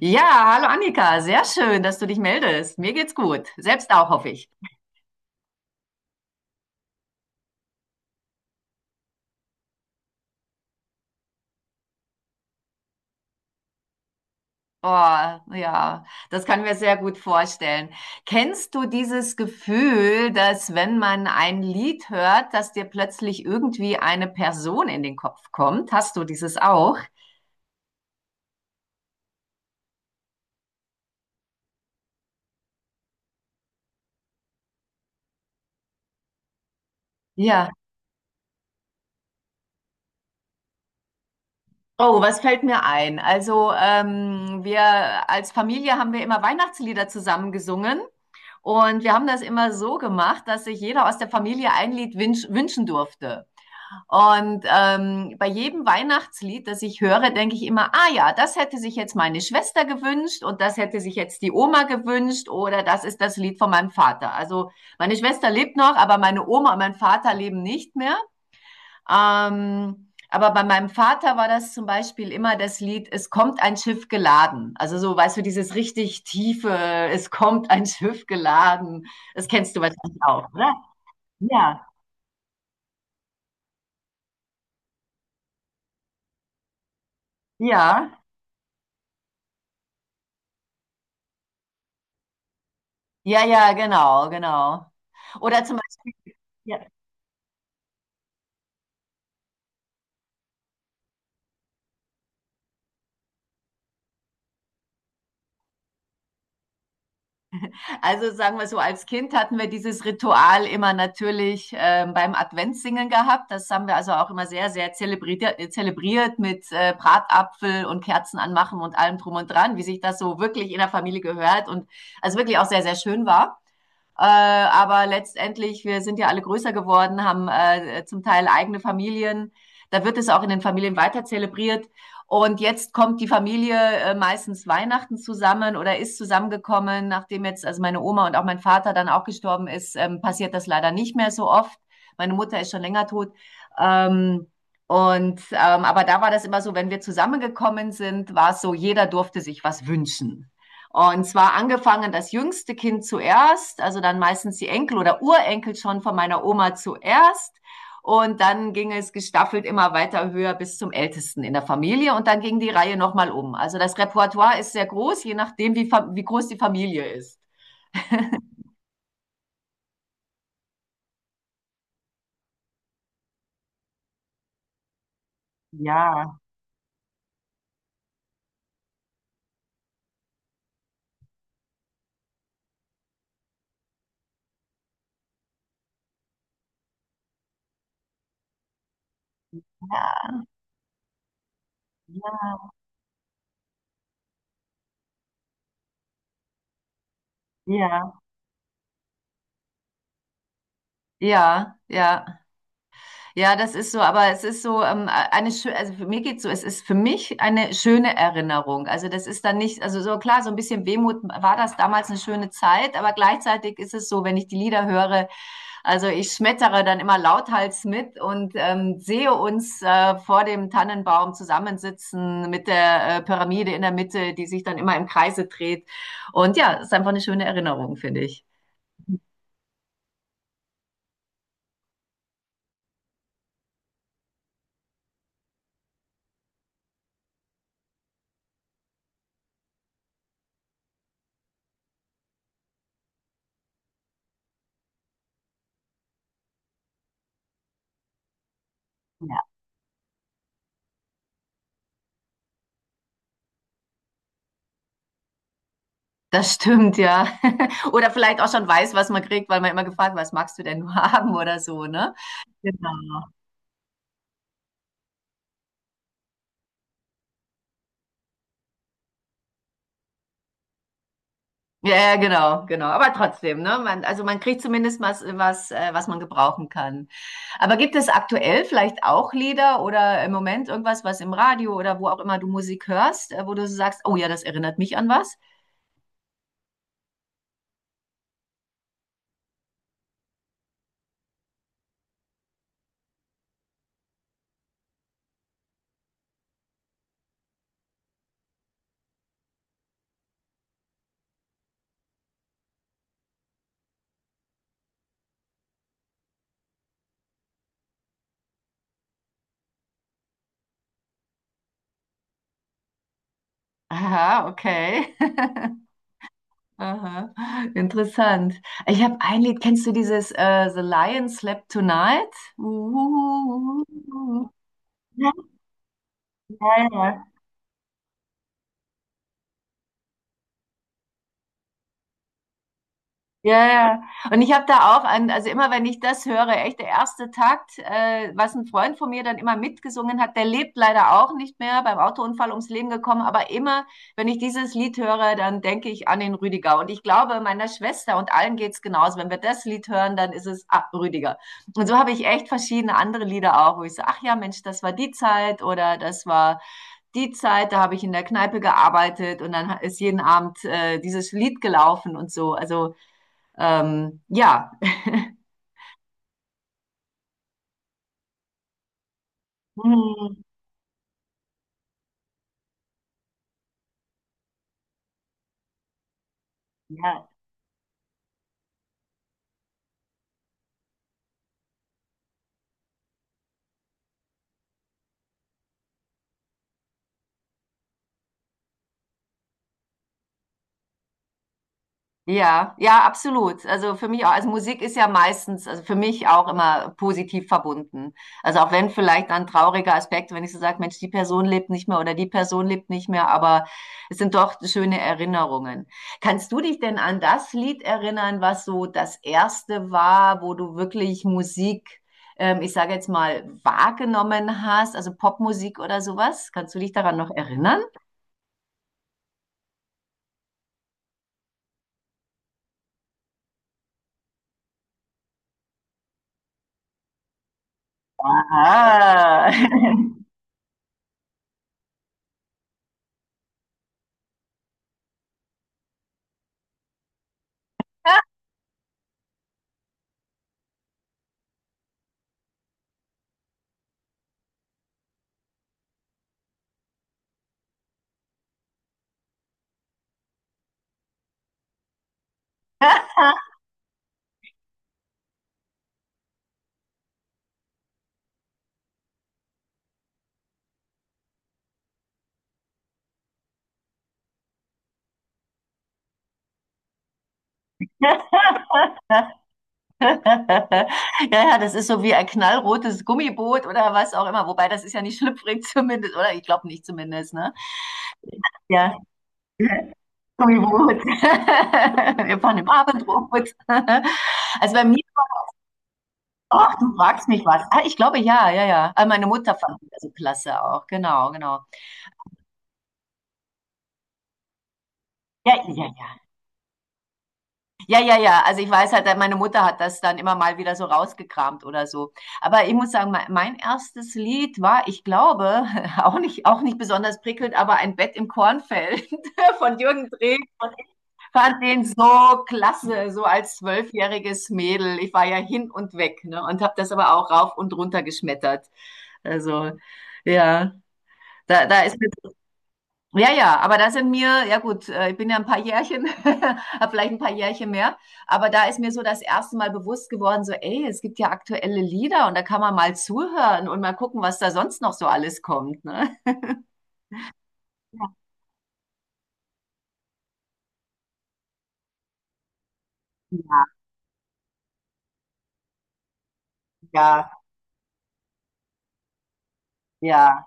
Ja, hallo Annika, sehr schön, dass du dich meldest. Mir geht's gut, selbst auch, hoffe ich. Oh, ja, das kann mir sehr gut vorstellen. Kennst du dieses Gefühl, dass wenn man ein Lied hört, dass dir plötzlich irgendwie eine Person in den Kopf kommt? Hast du dieses auch? Ja. Oh, was fällt mir ein? Also, wir als Familie haben wir immer Weihnachtslieder zusammen gesungen und wir haben das immer so gemacht, dass sich jeder aus der Familie ein Lied wünschen durfte. Und bei jedem Weihnachtslied, das ich höre, denke ich immer, ah ja, das hätte sich jetzt meine Schwester gewünscht und das hätte sich jetzt die Oma gewünscht oder das ist das Lied von meinem Vater. Also meine Schwester lebt noch, aber meine Oma und mein Vater leben nicht mehr. Aber bei meinem Vater war das zum Beispiel immer das Lied, es kommt ein Schiff geladen. Also so, weißt du, dieses richtig tiefe, es kommt ein Schiff geladen. Das kennst du wahrscheinlich auch, oder? Ja, ja. Ja, ja, genau, genau. Oder zum Beispiel, ja, also sagen wir so, als Kind hatten wir dieses Ritual immer natürlich beim Adventssingen gehabt. Das haben wir also auch immer sehr, sehr zelebriert, zelebriert mit Bratapfel und Kerzen anmachen und allem drum und dran, wie sich das so wirklich in der Familie gehört und also wirklich auch sehr, sehr schön war. Aber letztendlich, wir sind ja alle größer geworden, haben zum Teil eigene Familien. Da wird es auch in den Familien weiter zelebriert. Und jetzt kommt die Familie meistens Weihnachten zusammen oder ist zusammengekommen, nachdem jetzt also meine Oma und auch mein Vater dann auch gestorben ist, passiert das leider nicht mehr so oft. Meine Mutter ist schon länger tot. Ähm, und aber da war das immer so, wenn wir zusammengekommen sind, war es so, jeder durfte sich was wünschen. Und zwar angefangen das jüngste Kind zuerst, also dann meistens die Enkel oder Urenkel schon von meiner Oma zuerst. Und dann ging es gestaffelt immer weiter höher bis zum Ältesten in der Familie. Und dann ging die Reihe nochmal um. Also das Repertoire ist sehr groß, je nachdem, wie groß die Familie ist. Ja, ja, ja. Ja, ja. Ja, das ist so, aber es ist so eine schöne, also für mir geht's so, es ist für mich eine schöne Erinnerung. Also das ist dann nicht, also so klar, so ein bisschen Wehmut war das damals eine schöne Zeit, aber gleichzeitig ist es so, wenn ich die Lieder höre, also ich schmettere dann immer lauthals mit und sehe uns vor dem Tannenbaum zusammensitzen mit der Pyramide in der Mitte, die sich dann immer im Kreise dreht. Und ja, es ist einfach eine schöne Erinnerung, finde ich. Das stimmt, ja. Oder vielleicht auch schon weiß, was man kriegt, weil man immer gefragt, was magst du denn nur haben oder so, ne? Genau. Ja, ja, genau, genau. Aber trotzdem, ne? Man, also man kriegt zumindest was man gebrauchen kann. Aber gibt es aktuell vielleicht auch Lieder oder im Moment irgendwas, was im Radio oder wo auch immer du Musik hörst, wo du so sagst, oh ja, das erinnert mich an was? Aha, okay. Aha, interessant. Ich habe ein Lied, kennst du dieses The Lion Slept Tonight? Ja, ja. Ja. Ja, ja. Und ich habe da auch an, also immer wenn ich das höre, echt der erste Takt, was ein Freund von mir dann immer mitgesungen hat, der lebt leider auch nicht mehr, beim Autounfall ums Leben gekommen, aber immer, wenn ich dieses Lied höre, dann denke ich an den Rüdiger. Und ich glaube, meiner Schwester und allen geht's genauso. Wenn wir das Lied hören, dann ist es ah, Rüdiger. Und so habe ich echt verschiedene andere Lieder auch, wo ich so, ach ja, Mensch, das war die Zeit oder das war die Zeit, da habe ich in der Kneipe gearbeitet und dann ist jeden Abend dieses Lied gelaufen und so. Also ja. Hm, ja. Ja, ja, absolut. Also für mich auch, also Musik ist ja meistens, also für mich auch immer positiv verbunden. Also auch wenn vielleicht dann trauriger Aspekt, wenn ich so sage, Mensch, die Person lebt nicht mehr oder die Person lebt nicht mehr, aber es sind doch schöne Erinnerungen. Kannst du dich denn an das Lied erinnern, was so das erste war, wo du wirklich Musik, ich sage jetzt mal, wahrgenommen hast, also Popmusik oder sowas? Kannst du dich daran noch erinnern? Ah. Ja, ja, das ist so wie ein knallrotes Gummiboot oder was auch immer. Wobei, das ist ja nicht schlüpfrig zumindest, oder? Ich glaube nicht zumindest, ne? Ja, Gummiboot. Wir fahren im Abendrot. Also bei mir, ach, du fragst mich was. Ah, ich glaube, ja, ja, ja. Ah, meine Mutter fand das so klasse auch. Genau, genau. Ja, ja, ja. Ja, ja, ja. Also ich weiß halt, meine Mutter hat das dann immer mal wieder so rausgekramt oder so. Aber ich muss sagen, mein erstes Lied war, ich glaube, auch nicht besonders prickelnd, aber ein Bett im Kornfeld von Jürgen Dreh. Ich fand den so klasse, so als zwölfjähriges Mädel. Ich war ja hin und weg, ne? Und habe das aber auch rauf und runter geschmettert. Also ja, da ist ja, ja, aber da sind mir, ja gut, ich bin ja ein paar Jährchen, habe vielleicht ein paar Jährchen mehr, aber da ist mir so das erste Mal bewusst geworden, so, ey, es gibt ja aktuelle Lieder und da kann man mal zuhören und mal gucken, was da sonst noch so alles kommt, ne? Ja, ja, ja.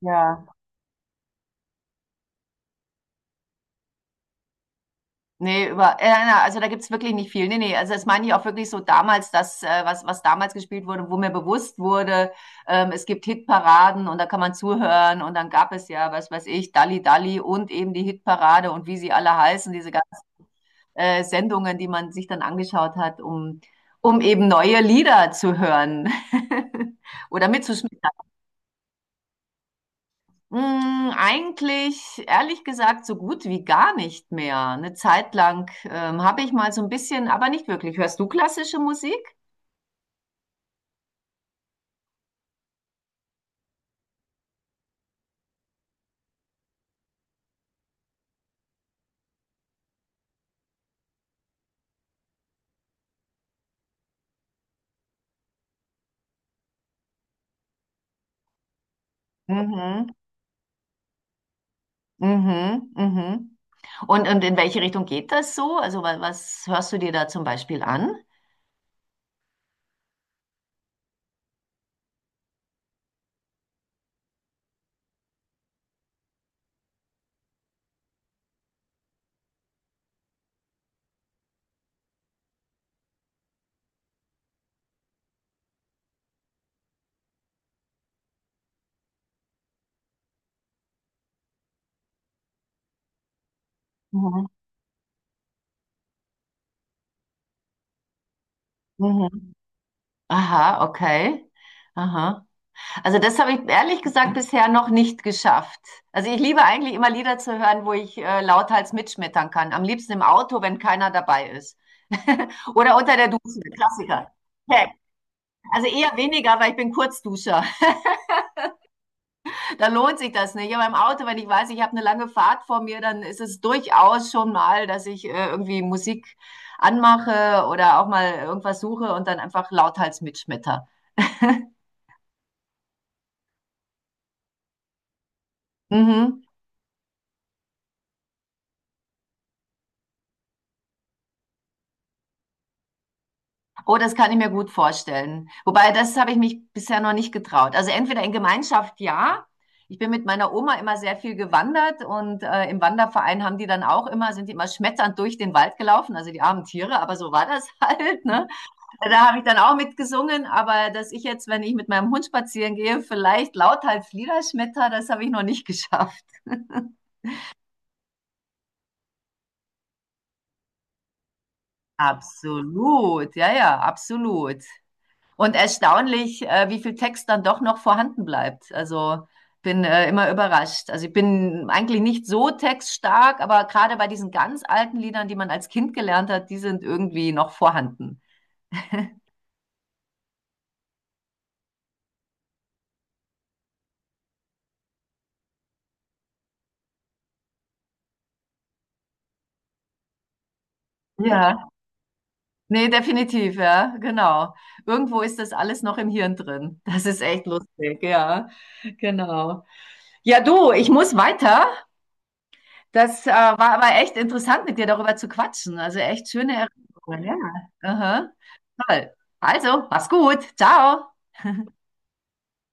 Ja. Nee, also da gibt's wirklich nicht viel. Nee, nee, also das meine ich auch wirklich so damals, was damals gespielt wurde, wo mir bewusst wurde, es gibt Hitparaden und da kann man zuhören und dann gab es ja, was weiß ich, Dalli Dalli und eben die Hitparade und wie sie alle heißen, diese ganzen Sendungen, die man sich dann angeschaut hat, um eben neue Lieder zu hören oder mitzuschmecken. Hm, eigentlich, ehrlich gesagt, so gut wie gar nicht mehr. Eine Zeit lang habe ich mal so ein bisschen, aber nicht wirklich. Hörst du klassische Musik? Mhm, mhm, mhm. Und in welche Richtung geht das so? Also, was hörst du dir da zum Beispiel an? Mhm, mhm. Aha, okay. Aha. Also das habe ich ehrlich gesagt bisher noch nicht geschafft. Also ich liebe eigentlich immer Lieder zu hören, wo ich lauthals mitschmettern kann. Am liebsten im Auto, wenn keiner dabei ist. Oder unter der Dusche, Klassiker. Okay. Also eher weniger, weil ich bin Kurzduscher. Da lohnt sich das nicht. Aber im Auto, wenn ich weiß, ich habe eine lange Fahrt vor mir, dann ist es durchaus schon mal, dass ich irgendwie Musik anmache oder auch mal irgendwas suche und dann einfach lauthals mitschmetter. Mhm. Oh, das kann ich mir gut vorstellen. Wobei, das habe ich mich bisher noch nicht getraut. Also entweder in Gemeinschaft, ja. Ich bin mit meiner Oma immer sehr viel gewandert und im Wanderverein haben die dann auch immer, sind die immer schmetternd durch den Wald gelaufen, also die armen Tiere, aber so war das halt. Ne? Da habe ich dann auch mitgesungen, aber dass ich jetzt, wenn ich mit meinem Hund spazieren gehe, vielleicht lauthals Lieder schmetter, das habe ich noch nicht geschafft. Absolut, ja, ja, absolut. Und erstaunlich, wie viel Text dann doch noch vorhanden bleibt. Also bin immer überrascht. Also ich bin eigentlich nicht so textstark, aber gerade bei diesen ganz alten Liedern, die man als Kind gelernt hat, die sind irgendwie noch vorhanden. Ja, nee, definitiv, ja, genau. Irgendwo ist das alles noch im Hirn drin. Das ist echt lustig, ja, genau. Ja, du, ich muss weiter. Das war, aber echt interessant, mit dir darüber zu quatschen. Also echt schöne Erinnerungen. Ja. Aha. Toll. Also, mach's gut. Ciao.